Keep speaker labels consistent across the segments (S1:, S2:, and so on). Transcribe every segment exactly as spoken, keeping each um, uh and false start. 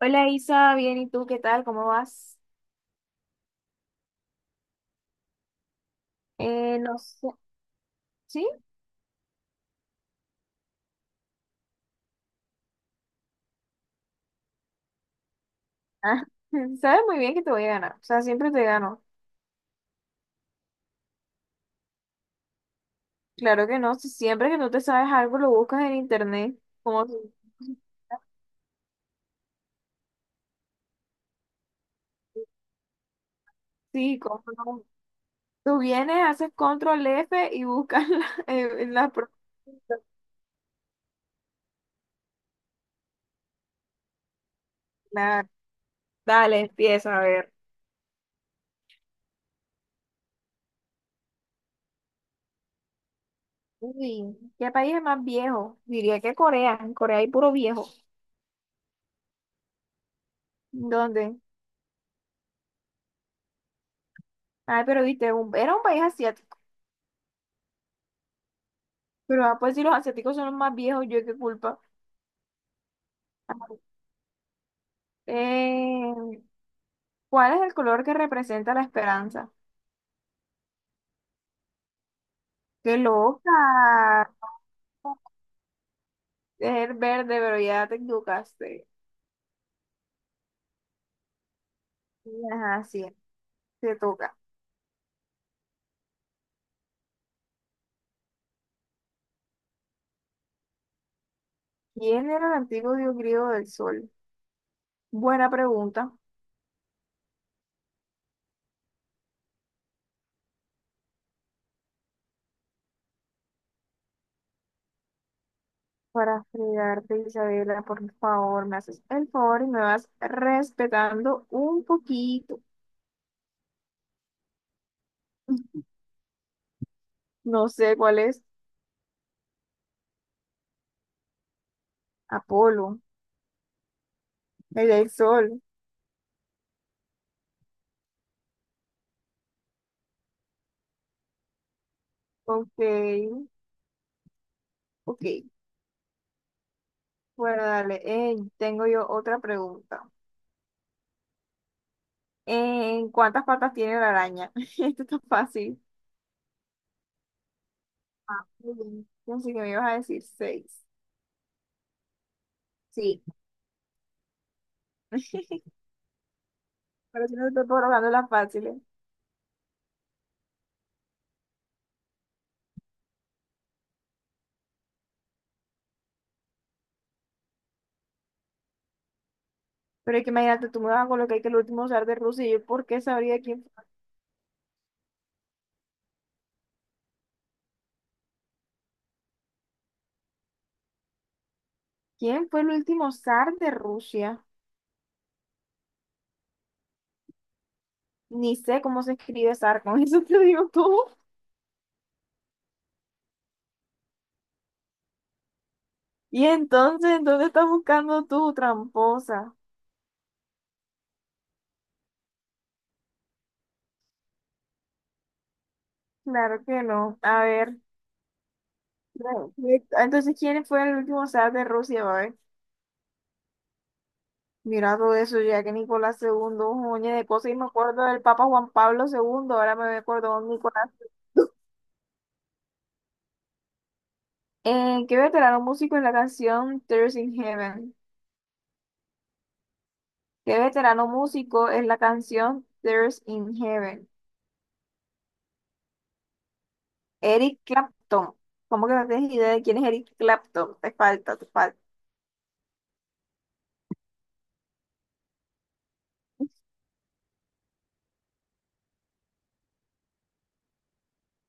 S1: Hola Isa, bien, ¿y tú qué tal? ¿Cómo vas? Eh, no sé. ¿Sí? Ah, Sabes muy bien que te voy a ganar, o sea, siempre te gano. Claro que no, si siempre que no te sabes algo lo buscas en internet, como si- sí, cómo no. Tú vienes, haces control F y buscas la, en la pro- la- Dale, empieza a ver. Uy, ¿qué país es más viejo? Diría que Corea, en Corea hay puro viejo. ¿Dónde? Ay, pero viste, un- era un país asiático. Pero ah, pues si los asiáticos son los más viejos, ¿yo qué culpa? Eh, ¿Cuál es el color que representa la esperanza? ¡Qué loca! Es el verde, pero ya te equivocaste. Ajá, sí, te toca. ¿Quién era el antiguo dios griego del sol? Buena pregunta para fregarte, Isabela. Por favor, me haces el favor y me vas respetando un poquito. No sé cuál es. Apolo, el del sol. Ok, ok. Bueno, dale. Eh, tengo yo otra pregunta. ¿En ¿Cuántas patas tiene la araña? Esto está fácil. Ah, muy bien. Así que me ibas a decir seis. Sí. Pero si no te estoy colocando las fáciles. Pero es que imagínate, tú me vas a colocar que el último zar de Rusia. ¿Y yo por qué sabría quién, quién fue el último zar de Rusia? Ni sé cómo se escribe zar, con eso te digo tú. Y entonces, ¿en ¿dónde estás buscando tú, tramposa? Claro que no. A ver. Bueno, entonces, ¿quién fue el último zar de Rusia, va? Mira todo eso, ya que Nicolás segundo un montón de cosas, y me acuerdo del Papa Juan Pablo segundo, ahora me acuerdo de Nicolás. Eh, ¿qué veterano músico es la canción Tears in Heaven? ¿Qué veterano músico es la canción Tears in Heaven? Eric Clapton. ¿Cómo que no tienes idea de quién es Eric Clapton? Te falta, te falta.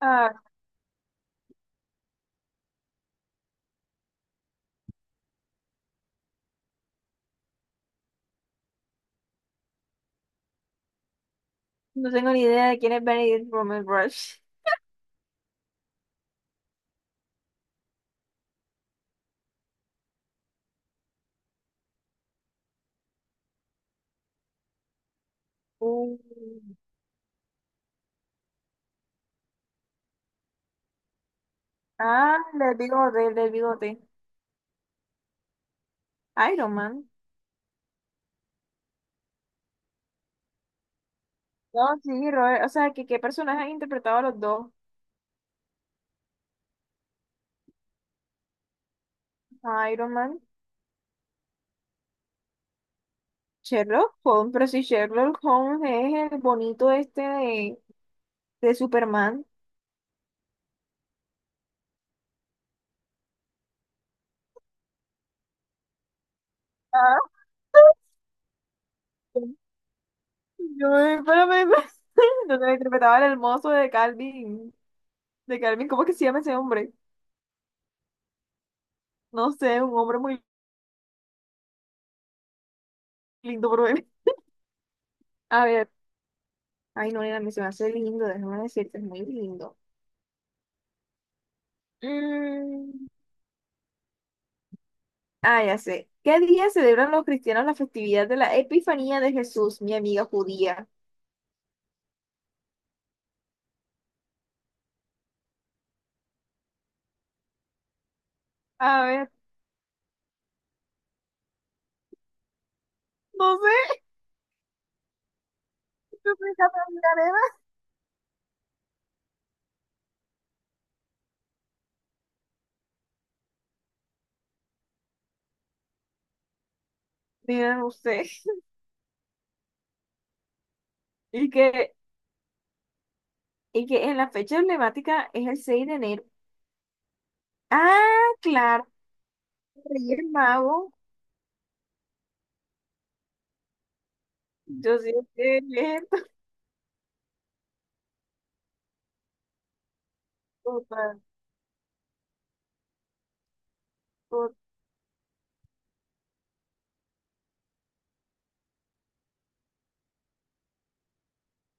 S1: Ah, no tengo ni idea de quién es Benedict Cumberbatch. Uh, Ah, del bigote, del bigote. Iron Man. No, sí, Robert, o sea, que qué personaje han interpretado a los dos. Iron Man, Sherlock Holmes, pero si Sherlock Holmes es el bonito este de, de Superman. Ah, Yo me, pero me, me- donde me interpretaba el hermoso de Calvin, de Calvin. ¿Cómo que se llama ese hombre? No sé, un hombre muy lindo, pero él- A ver, ay no, nena, me se me hace lindo, déjame decirte, es muy lindo. Mm, Ah, ya sé. ¿Qué día celebran los cristianos la festividad de la Epifanía de Jesús, mi amiga judía? A ver, no sé, yo soy Catalina. Mira usted. Y que, y que en la fecha emblemática es el seis de enero. Ah, claro, Reyes Mago. Yo sí que es total, tot-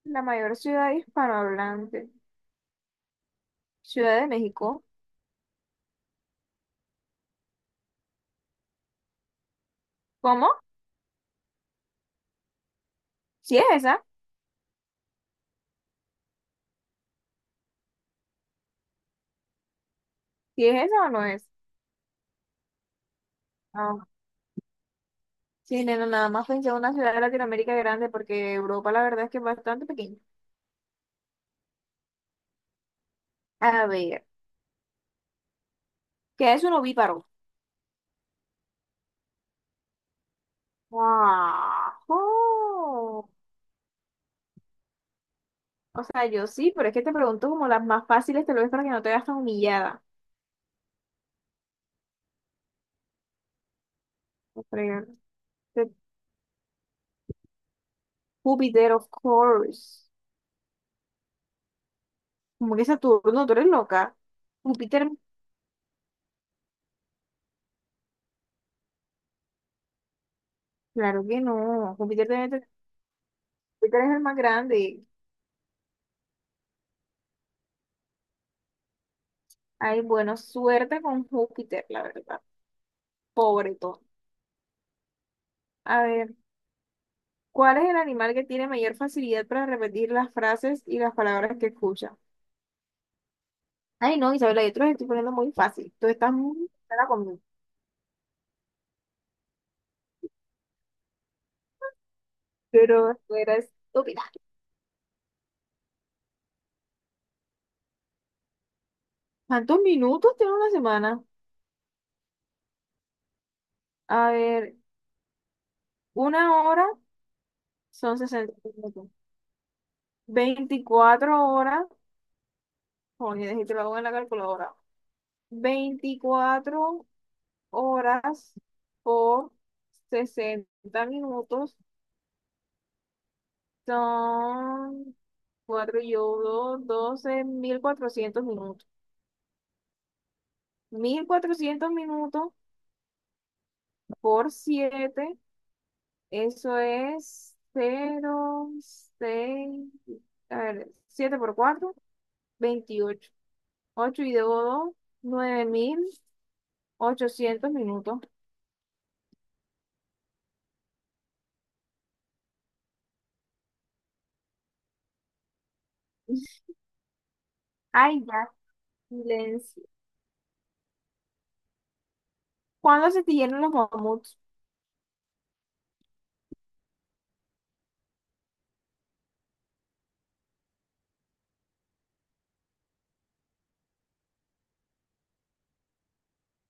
S1: la mayor ciudad hispanohablante. Ciudad de México. ¿Cómo? ¿Sí es esa? ¿Sí es esa o no es? Ah, sí, nena, nada más pensé en una ciudad de Latinoamérica grande porque Europa la verdad es que es bastante pequeña. A ver, ¿qué es un ovíparo? ¡Guau! O sea, yo sí, pero es que te pregunto como las más fáciles, te lo ves para que no te veas tan humillada. No fregar. Este, Júpiter, of course. Como que Saturno, tú eres loca. Júpiter, claro que no. Júpiter, debe te- Júpiter es el más grande. Ay, bueno, suerte con Júpiter, la verdad. Pobre todo. A ver, ¿cuál es el animal que tiene mayor facilidad para repetir las frases y las palabras que escucha? Ay, no, Isabela, yo te los estoy poniendo muy fácil. Tú estás muy mala conmigo. Pero tú eres estúpida. ¿Cuántos minutos tiene una semana? A ver, una hora son sesenta minutos. Veinticuatro horas, joder, si te lo hago en la calculadora. Veinticuatro horas por sesenta minutos son cuatro y uno, doce mil cuatrocientos minutos. Mil cuatrocientos minutos por siete, eso es cero seis, a ver, siete por cuatro veintiocho, ocho y debo nueve mil ochocientos minutos. Ay, ya, silencio. ¿Cuándo se extinguieron los mamuts?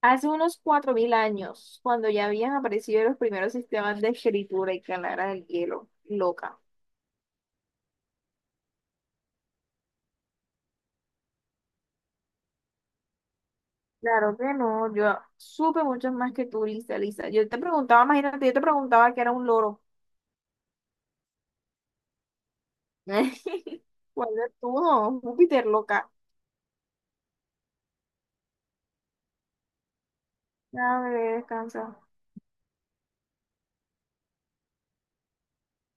S1: Hace unos cuatro mil años, cuando ya habían aparecido los primeros sistemas de escritura y calara del hielo. Loca. Claro que no, yo supe mucho más que tú, Lisa, Lisa. Yo te preguntaba, imagínate, yo te preguntaba que era un loro. ¿Cuál es tú, no? Júpiter, loca. A ver, descansa.